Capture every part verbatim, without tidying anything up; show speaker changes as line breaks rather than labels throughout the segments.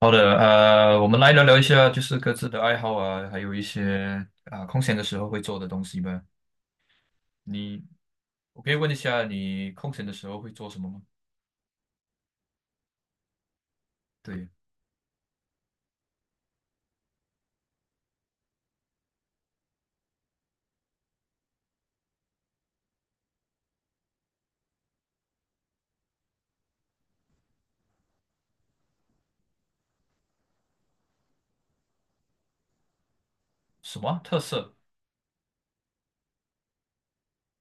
好的，呃，我们来聊聊一下，就是各自的爱好啊，还有一些啊、空闲的时候会做的东西吧。你，我可以问一下，你空闲的时候会做什么吗？对，什么啊特色？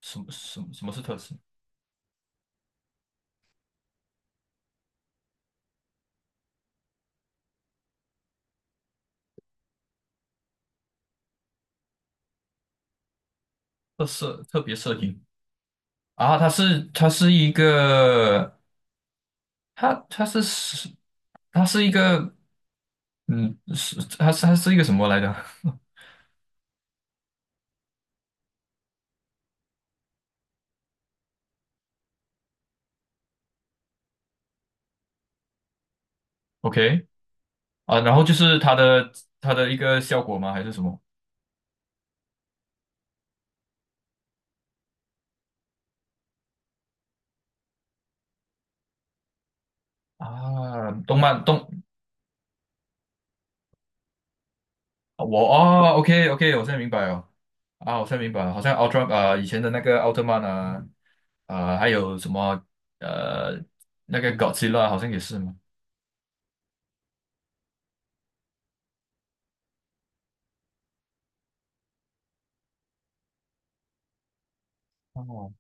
什么什么什么是特色？特色特别摄影啊，它是它是一个，它它是是它是一个，嗯，是它是它是一个什么来着 ？OK 啊，然后就是它的它的一个效果吗？还是什么？啊，动漫动我哦，OK OK，我现在明白了啊，我现在明白了，好像奥特啊、以前的那个奥特曼啊啊、还有什么呃那个 Godzilla 好像也是嘛。哦，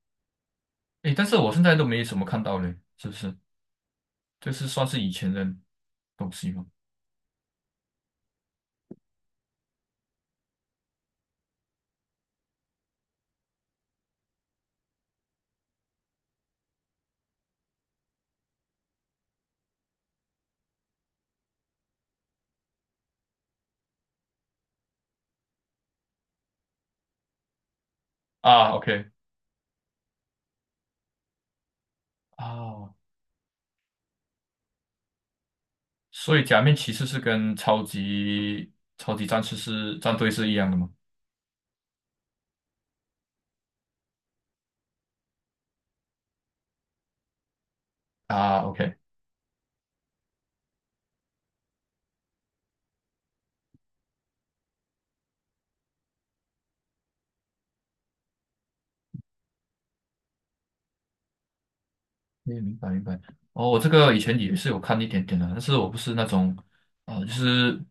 诶，但是我现在都没什么看到嘞，是不是？这是算是以前的东西吗？啊，OK 啊，所以假面骑士是跟超级超级战士是战队是一样的吗？啊，OK。嗯，明白明白。哦，我这个以前也是有看一点点的，但是我不是那种，啊，就是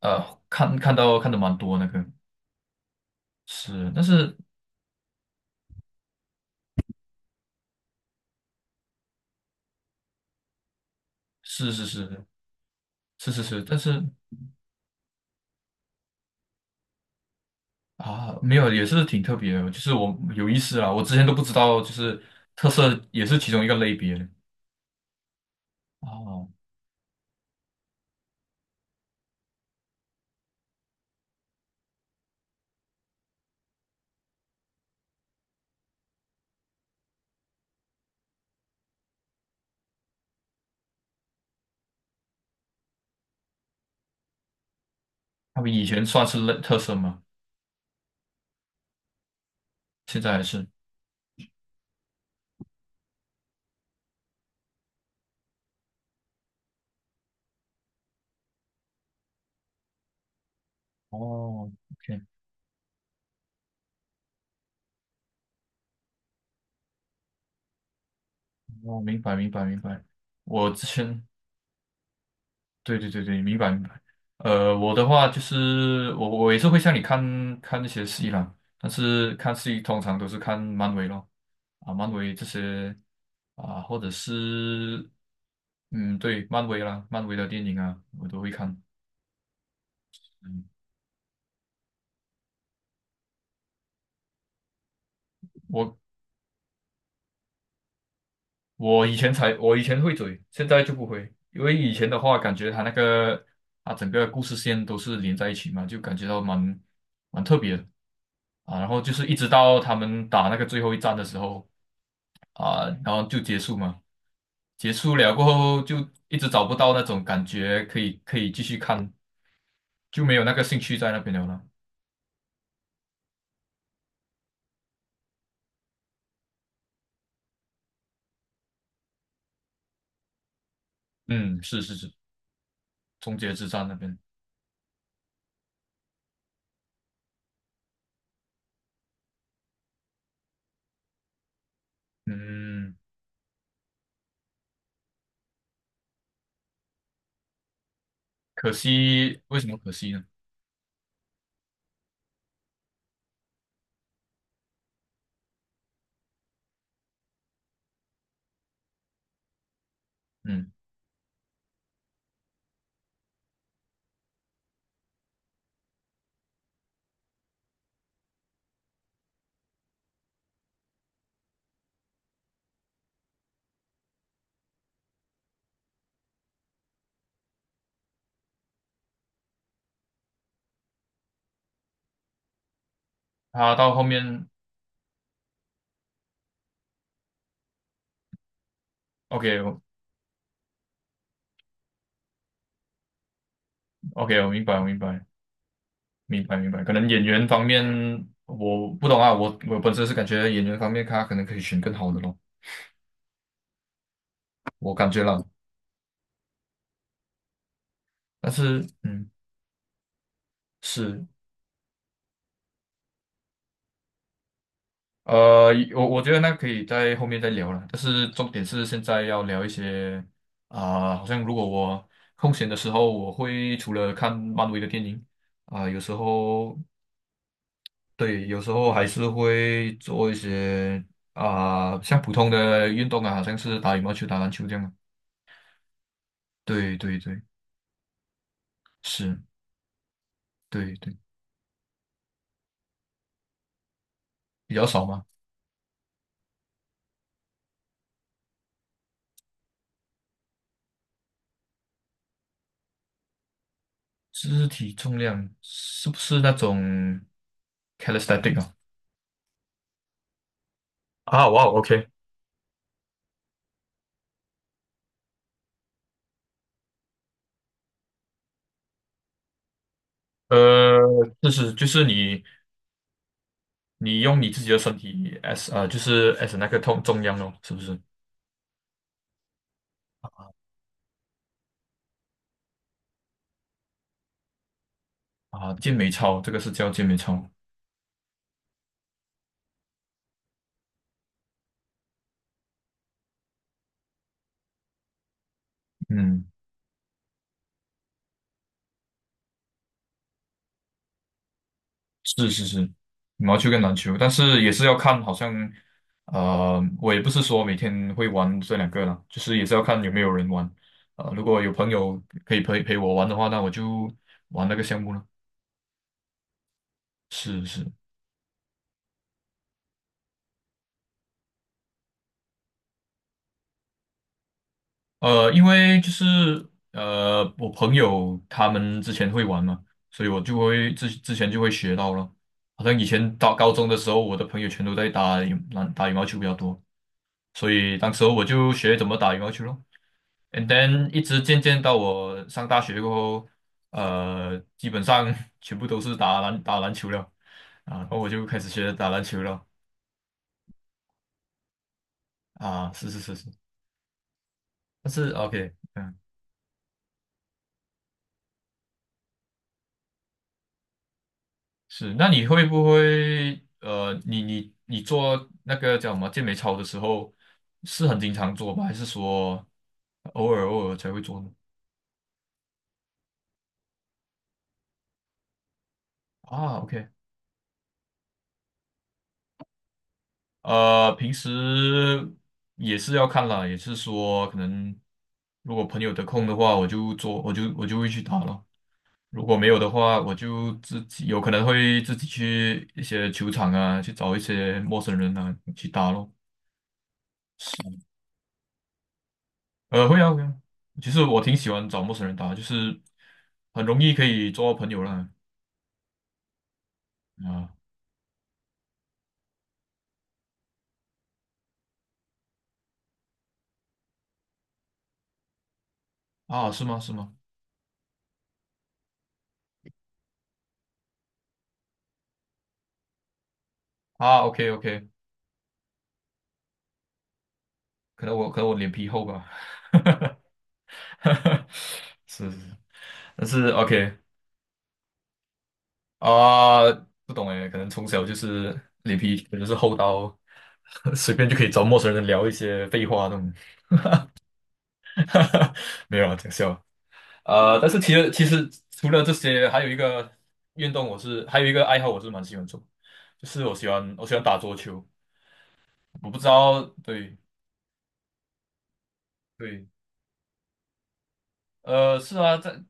呃，看看到看的蛮多那个是，但是是是是是是是，但是啊，没有也是挺特别的，就是我有意思啊，我之前都不知道，就是特色也是其中一个类别哦，他们以前算是类特色吗？现在还是哦，OK，哦，明白明白明白，我之前。对对对对，明白明白。呃，我的话就是我我也是会像你看看那些戏啦，但是看戏通常都是看漫威咯，啊，漫威这些啊，或者是嗯，对，漫威啦，漫威的电影啊，我都会看。嗯，我我以前才我以前会追，现在就不会，因为以前的话感觉它那个啊整个故事线都是连在一起嘛，就感觉到蛮蛮特别的。啊，然后就是一直到他们打那个最后一战的时候，啊，然后就结束嘛。结束了过后，就一直找不到那种感觉，可以可以继续看，就没有那个兴趣在那边了啦嗯，是是是，终结之战那边，嗯，可惜，为什么可惜呢？嗯，他到后面，OK 我 OK，我明白，我明白，明白明白，可能演员方面我不懂啊，我我本身是感觉演员方面他可能可以选更好的咯，我感觉了，但是嗯。是，呃，我我觉得那可以在后面再聊了，但是重点是现在要聊一些啊、好像如果我空闲的时候，我会除了看漫威的电影啊、有时候对，有时候还是会做一些啊、像普通的运动啊，好像是打羽毛球、打篮球这样嘛。对对对，是，对对，比较少嘛。肢体重量是不是那种 calisthenic 啊？啊，哇，OK，呃，就是就是你你用你自己的身体 as 呃，就是 as 那个痛中央哦，是不是？啊，健美操，这个是叫健美操。嗯，是是是，羽毛球跟篮球，但是也是要看，好像呃，我也不是说每天会玩这两个啦，就是也是要看有没有人玩。呃，如果有朋友可以陪陪我玩的话，那我就玩那个项目了。是是。呃，因为就是呃，我朋友他们之前会玩嘛，所以我就会之之前就会学到了。好像以前到高中的时候，我的朋友全都在打羽篮打羽毛球比较多，所以当时候我就学怎么打羽毛球咯。And then 一直渐渐到我上大学过后，呃，基本上 全部都是打篮打篮球了啊，然后我就开始学打篮球了啊，是是是是，但是 OK。嗯。是，那你会不会呃，你你你做那个叫什么健美操的时候，是很经常做吧？还是说偶尔偶尔才会做呢？啊，OK，呃，平时也是要看啦，也是说可能如果朋友得空的话，我就做，我就我就会去打咯。如果没有的话，我就自己有可能会自己去一些球场啊，去找一些陌生人啊去打咯。呃，会啊会啊。其实我挺喜欢找陌生人打，就是很容易可以做到朋友啦。啊啊，是吗？是吗？啊，OK OK，可能我可能我脸皮厚吧。是是是，但是 OK 啊，不懂诶，可能从小就是脸皮可能是厚到 随便就可以找陌生人聊一些废话那种。没有啊，讲笑。呃，但是其实其实除了这些，还有一个运动我是还有一个爱好我是蛮喜欢做，就是我喜欢我喜欢打桌球。我不知道，对对，呃，是啊，在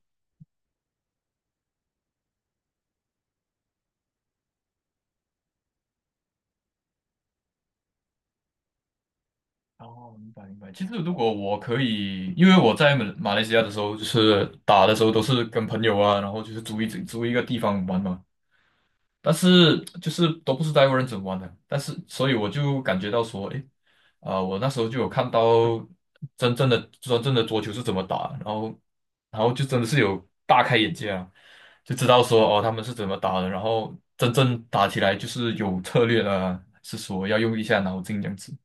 哦，明白明白。其实如果我可以，因为我在马马来西亚的时候，就是打的时候都是跟朋友啊，然后就是租一租一个地方玩嘛。但是就是都不是在人怎么玩的，但是所以我就感觉到说，诶，啊、我那时候就有看到真正的真正的桌球是怎么打，然后然后就真的是有大开眼界啊，就知道说哦他们是怎么打的，然后真正打起来就是有策略了，是说要用一下脑筋这样子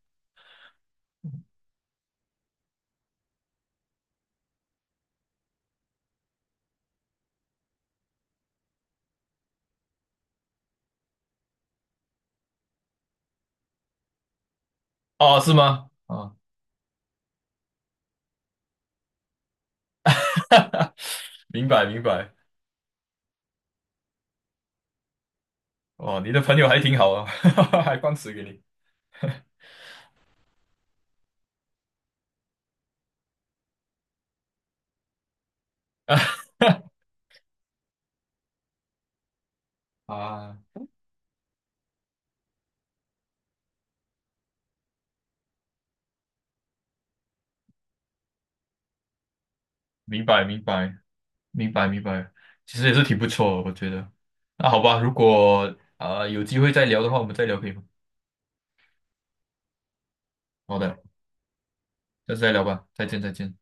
啊，是吗？啊，明白明白，哦，你的朋友还挺好啊，还放水给你 啊，明白明白。明白明白，其实也是挺不错的，我觉得。那好吧，如果啊、呃有机会再聊的话，我们再聊可以吗？好的，下次再聊吧，再见再见。